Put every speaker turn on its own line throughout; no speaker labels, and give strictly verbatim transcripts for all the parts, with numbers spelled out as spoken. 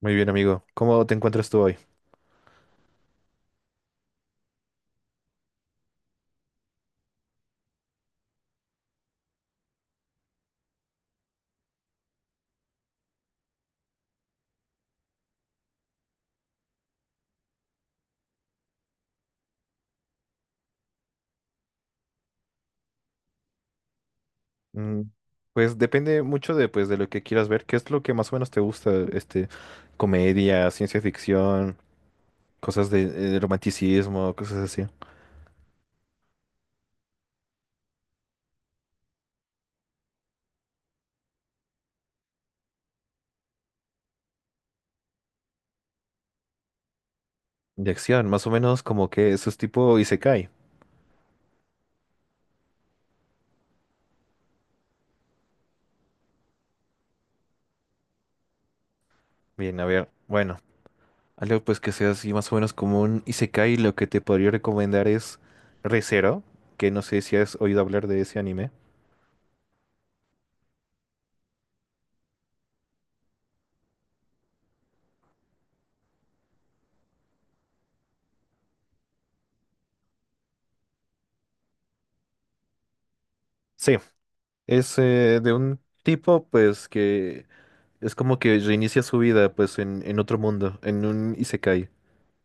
Muy bien, amigo. ¿Cómo te encuentras tú hoy? Mm. Pues depende mucho de, pues, de lo que quieras ver. ¿Qué es lo que más o menos te gusta? Este, comedia, ciencia ficción, cosas de, eh, romanticismo, cosas así. De acción, más o menos como que eso es tipo Isekai. Bien, a ver, bueno, algo pues que sea así más o menos como un Isekai, lo que te podría recomendar es Re:Zero, que no sé si has oído hablar de ese anime. Sí, es eh, de un tipo pues que es como que reinicia su vida pues en, en otro mundo, en un Isekai,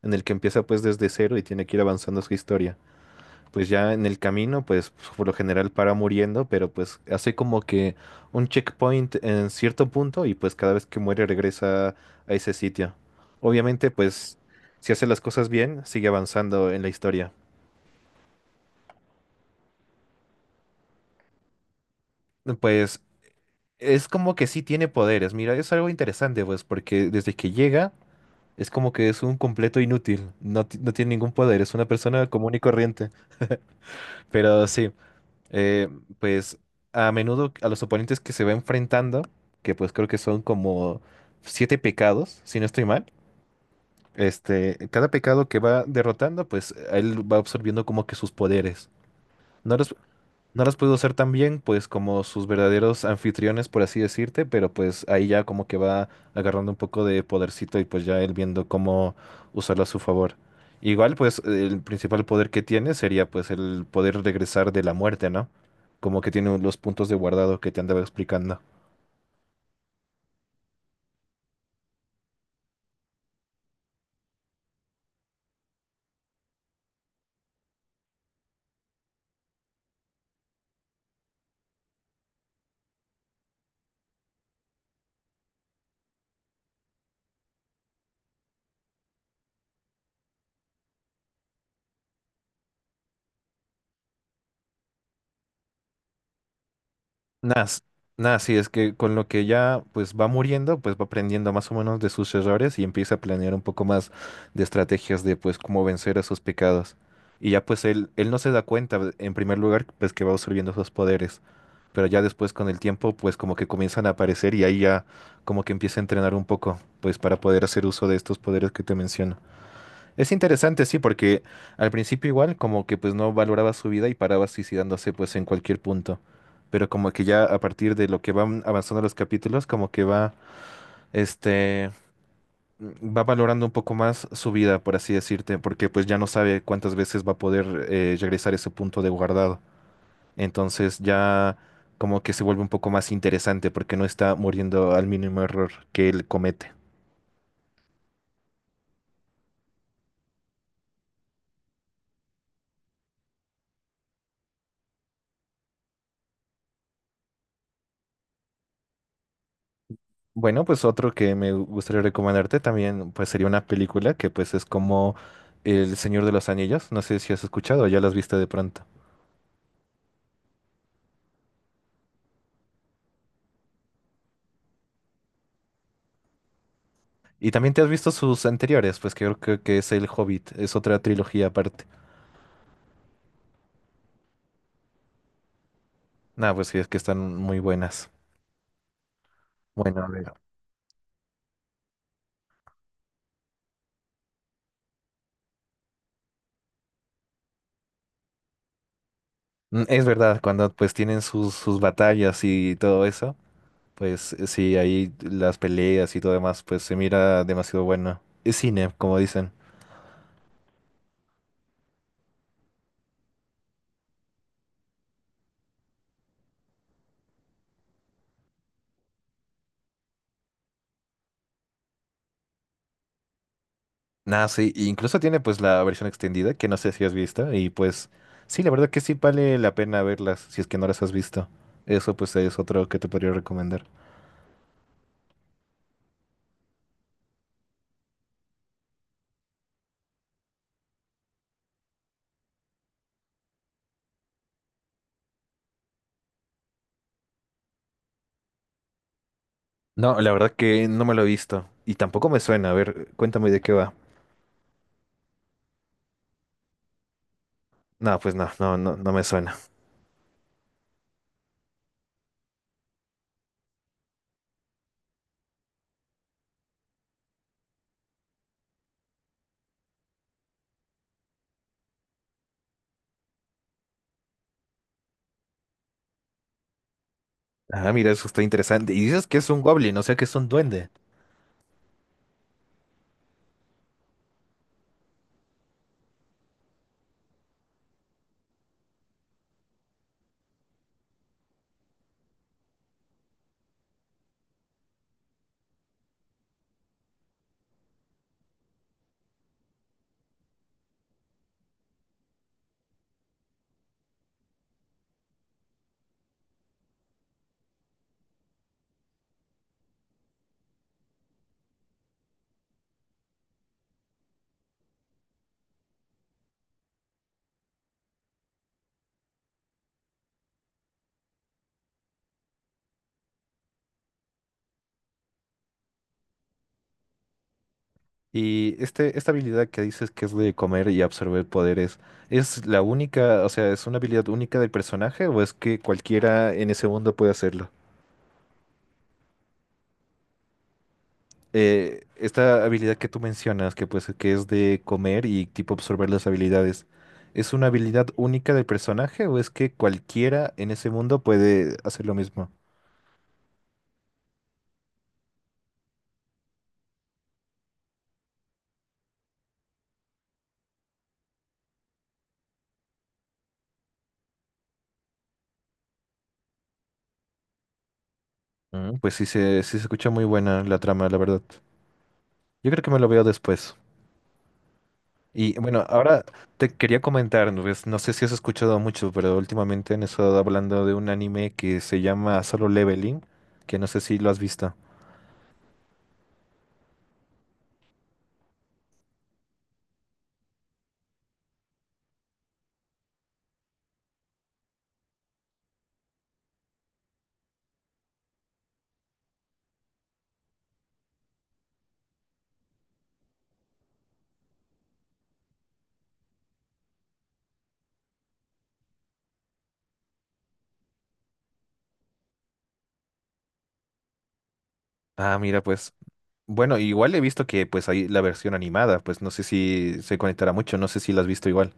en el que empieza pues desde cero y tiene que ir avanzando su historia. Pues ya en el camino, pues por lo general para muriendo, pero pues hace como que un checkpoint en cierto punto y pues cada vez que muere regresa a ese sitio. Obviamente, pues si hace las cosas bien, sigue avanzando en la historia. Pues es como que sí tiene poderes. Mira, es algo interesante, pues porque desde que llega es como que es un completo inútil. No, ti- no tiene ningún poder, es una persona común y corriente. Pero sí. eh, pues a menudo a los oponentes que se va enfrentando, que pues creo que son como siete pecados, si no estoy mal, este, cada pecado que va derrotando, pues él va absorbiendo como que sus poderes. No los no las pudo hacer tan bien, pues como sus verdaderos anfitriones, por así decirte, pero pues ahí ya como que va agarrando un poco de podercito y pues ya él viendo cómo usarlo a su favor. Igual, pues el principal poder que tiene sería pues el poder regresar de la muerte, ¿no? Como que tiene los puntos de guardado que te andaba explicando. Nada, s- nada, sí, es que con lo que ya pues va muriendo, pues va aprendiendo más o menos de sus errores y empieza a planear un poco más de estrategias de pues cómo vencer a sus pecados. Y ya pues él, él no se da cuenta, pues, en primer lugar, pues que va absorbiendo sus poderes, pero ya después con el tiempo pues como que comienzan a aparecer y ahí ya como que empieza a entrenar un poco, pues para poder hacer uso de estos poderes que te menciono. Es interesante, sí, porque al principio igual como que pues no valoraba su vida y paraba suicidándose pues en cualquier punto. Pero como que ya a partir de lo que van avanzando los capítulos, como que va, este, mm, va valorando un poco más su vida, por así decirte, porque pues ya no sabe cuántas veces va a poder eh, regresar a ese punto de guardado. Entonces ya como que se vuelve un poco más interesante porque no está muriendo al mínimo error que él comete. Bueno, pues otro que me gustaría recomendarte también, pues sería una película que pues es como El Señor de los Anillos. No sé si has escuchado o ya las viste de pronto. Y también te has visto sus anteriores, pues que creo que, que es El Hobbit, es otra trilogía aparte. Nah, pues sí, es que están muy buenas. Bueno, a ver. Mm, es verdad, cuando pues tienen sus, sus batallas y todo eso, pues eh, sí, ahí las peleas y todo demás, pues se mira demasiado bueno. Es cine, como dicen. Nada, sí, e incluso tiene pues la versión extendida que no sé si has visto y pues sí, la verdad que sí vale la pena verlas si es que no las has visto. Eso pues es otro que te podría recomendar. No, la verdad que no me lo he visto y tampoco me suena. A ver, cuéntame de qué va. No, pues no, no, no, no me suena. Ah, mira, eso está interesante. Y dices que es un goblin, o sea que es un duende. Y este, esta habilidad que dices que es de comer y absorber poderes, ¿es la única, o sea, es una habilidad única del personaje o es que cualquiera en ese mundo puede hacerlo? eh, esta habilidad que tú mencionas, que pues que es de comer y tipo absorber las habilidades, ¿es una habilidad única del personaje o es que cualquiera en ese mundo puede hacer lo mismo? Mm, pues sí se, sí se escucha muy buena la trama, la verdad. Yo creo que me lo veo después. Y bueno, ahora te quería comentar, pues, no sé si has escuchado mucho, pero últimamente han estado hablando de un anime que se llama Solo Leveling, que no sé si lo has visto. Ah, mira, pues bueno, igual he visto que pues hay la versión animada, pues no sé si se conectará mucho, no sé si la has visto igual.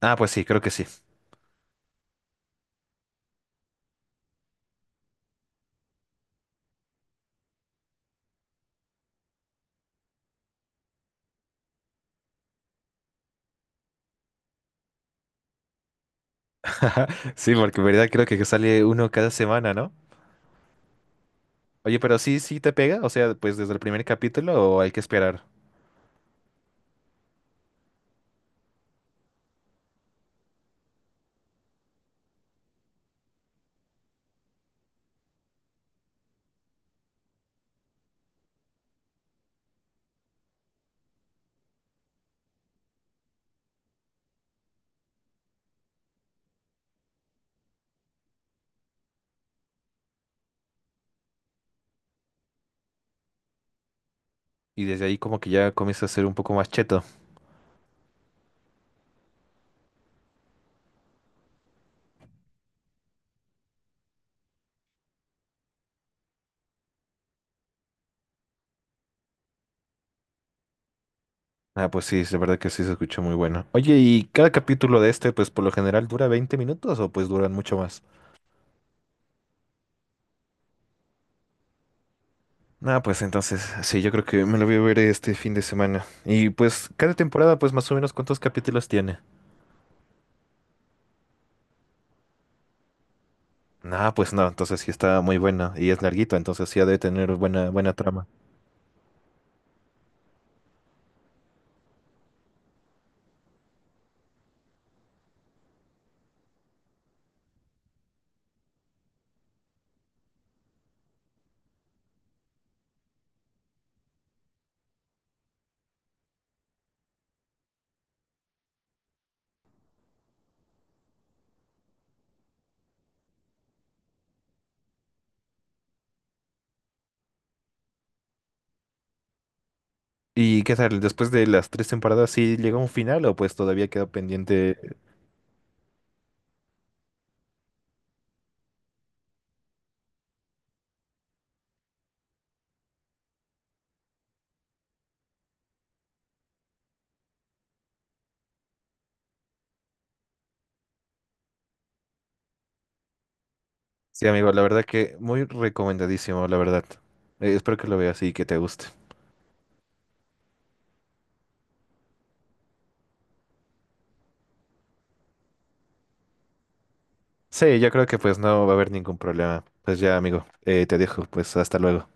Ah, pues sí, creo que sí. Sí, porque en verdad creo que sale uno cada semana, ¿no? Oye, pero sí, sí te pega, o sea, pues desde el primer capítulo o hay que esperar. Y desde ahí como que ya comienza a ser un poco más cheto. Ah, pues sí, es verdad que sí se escuchó muy bueno. Oye, ¿y cada capítulo de este pues por lo general dura veinte minutos o pues duran mucho más? Ah, pues entonces, sí, yo creo que me lo voy a ver este fin de semana. Y pues cada temporada pues más o menos ¿cuántos capítulos tiene? Ah, pues no, entonces sí está muy buena y es larguito, entonces sí ha de tener buena, buena trama. ¿Y qué tal? Después de las tres temporadas, ¿sí llegó a un final o pues todavía queda pendiente? Sí, amigo, la verdad que muy recomendadísimo, la verdad. Eh, espero que lo veas y que te guste. Sí, yo creo que pues no va a haber ningún problema. Pues ya, amigo, eh, te dejo, pues hasta luego.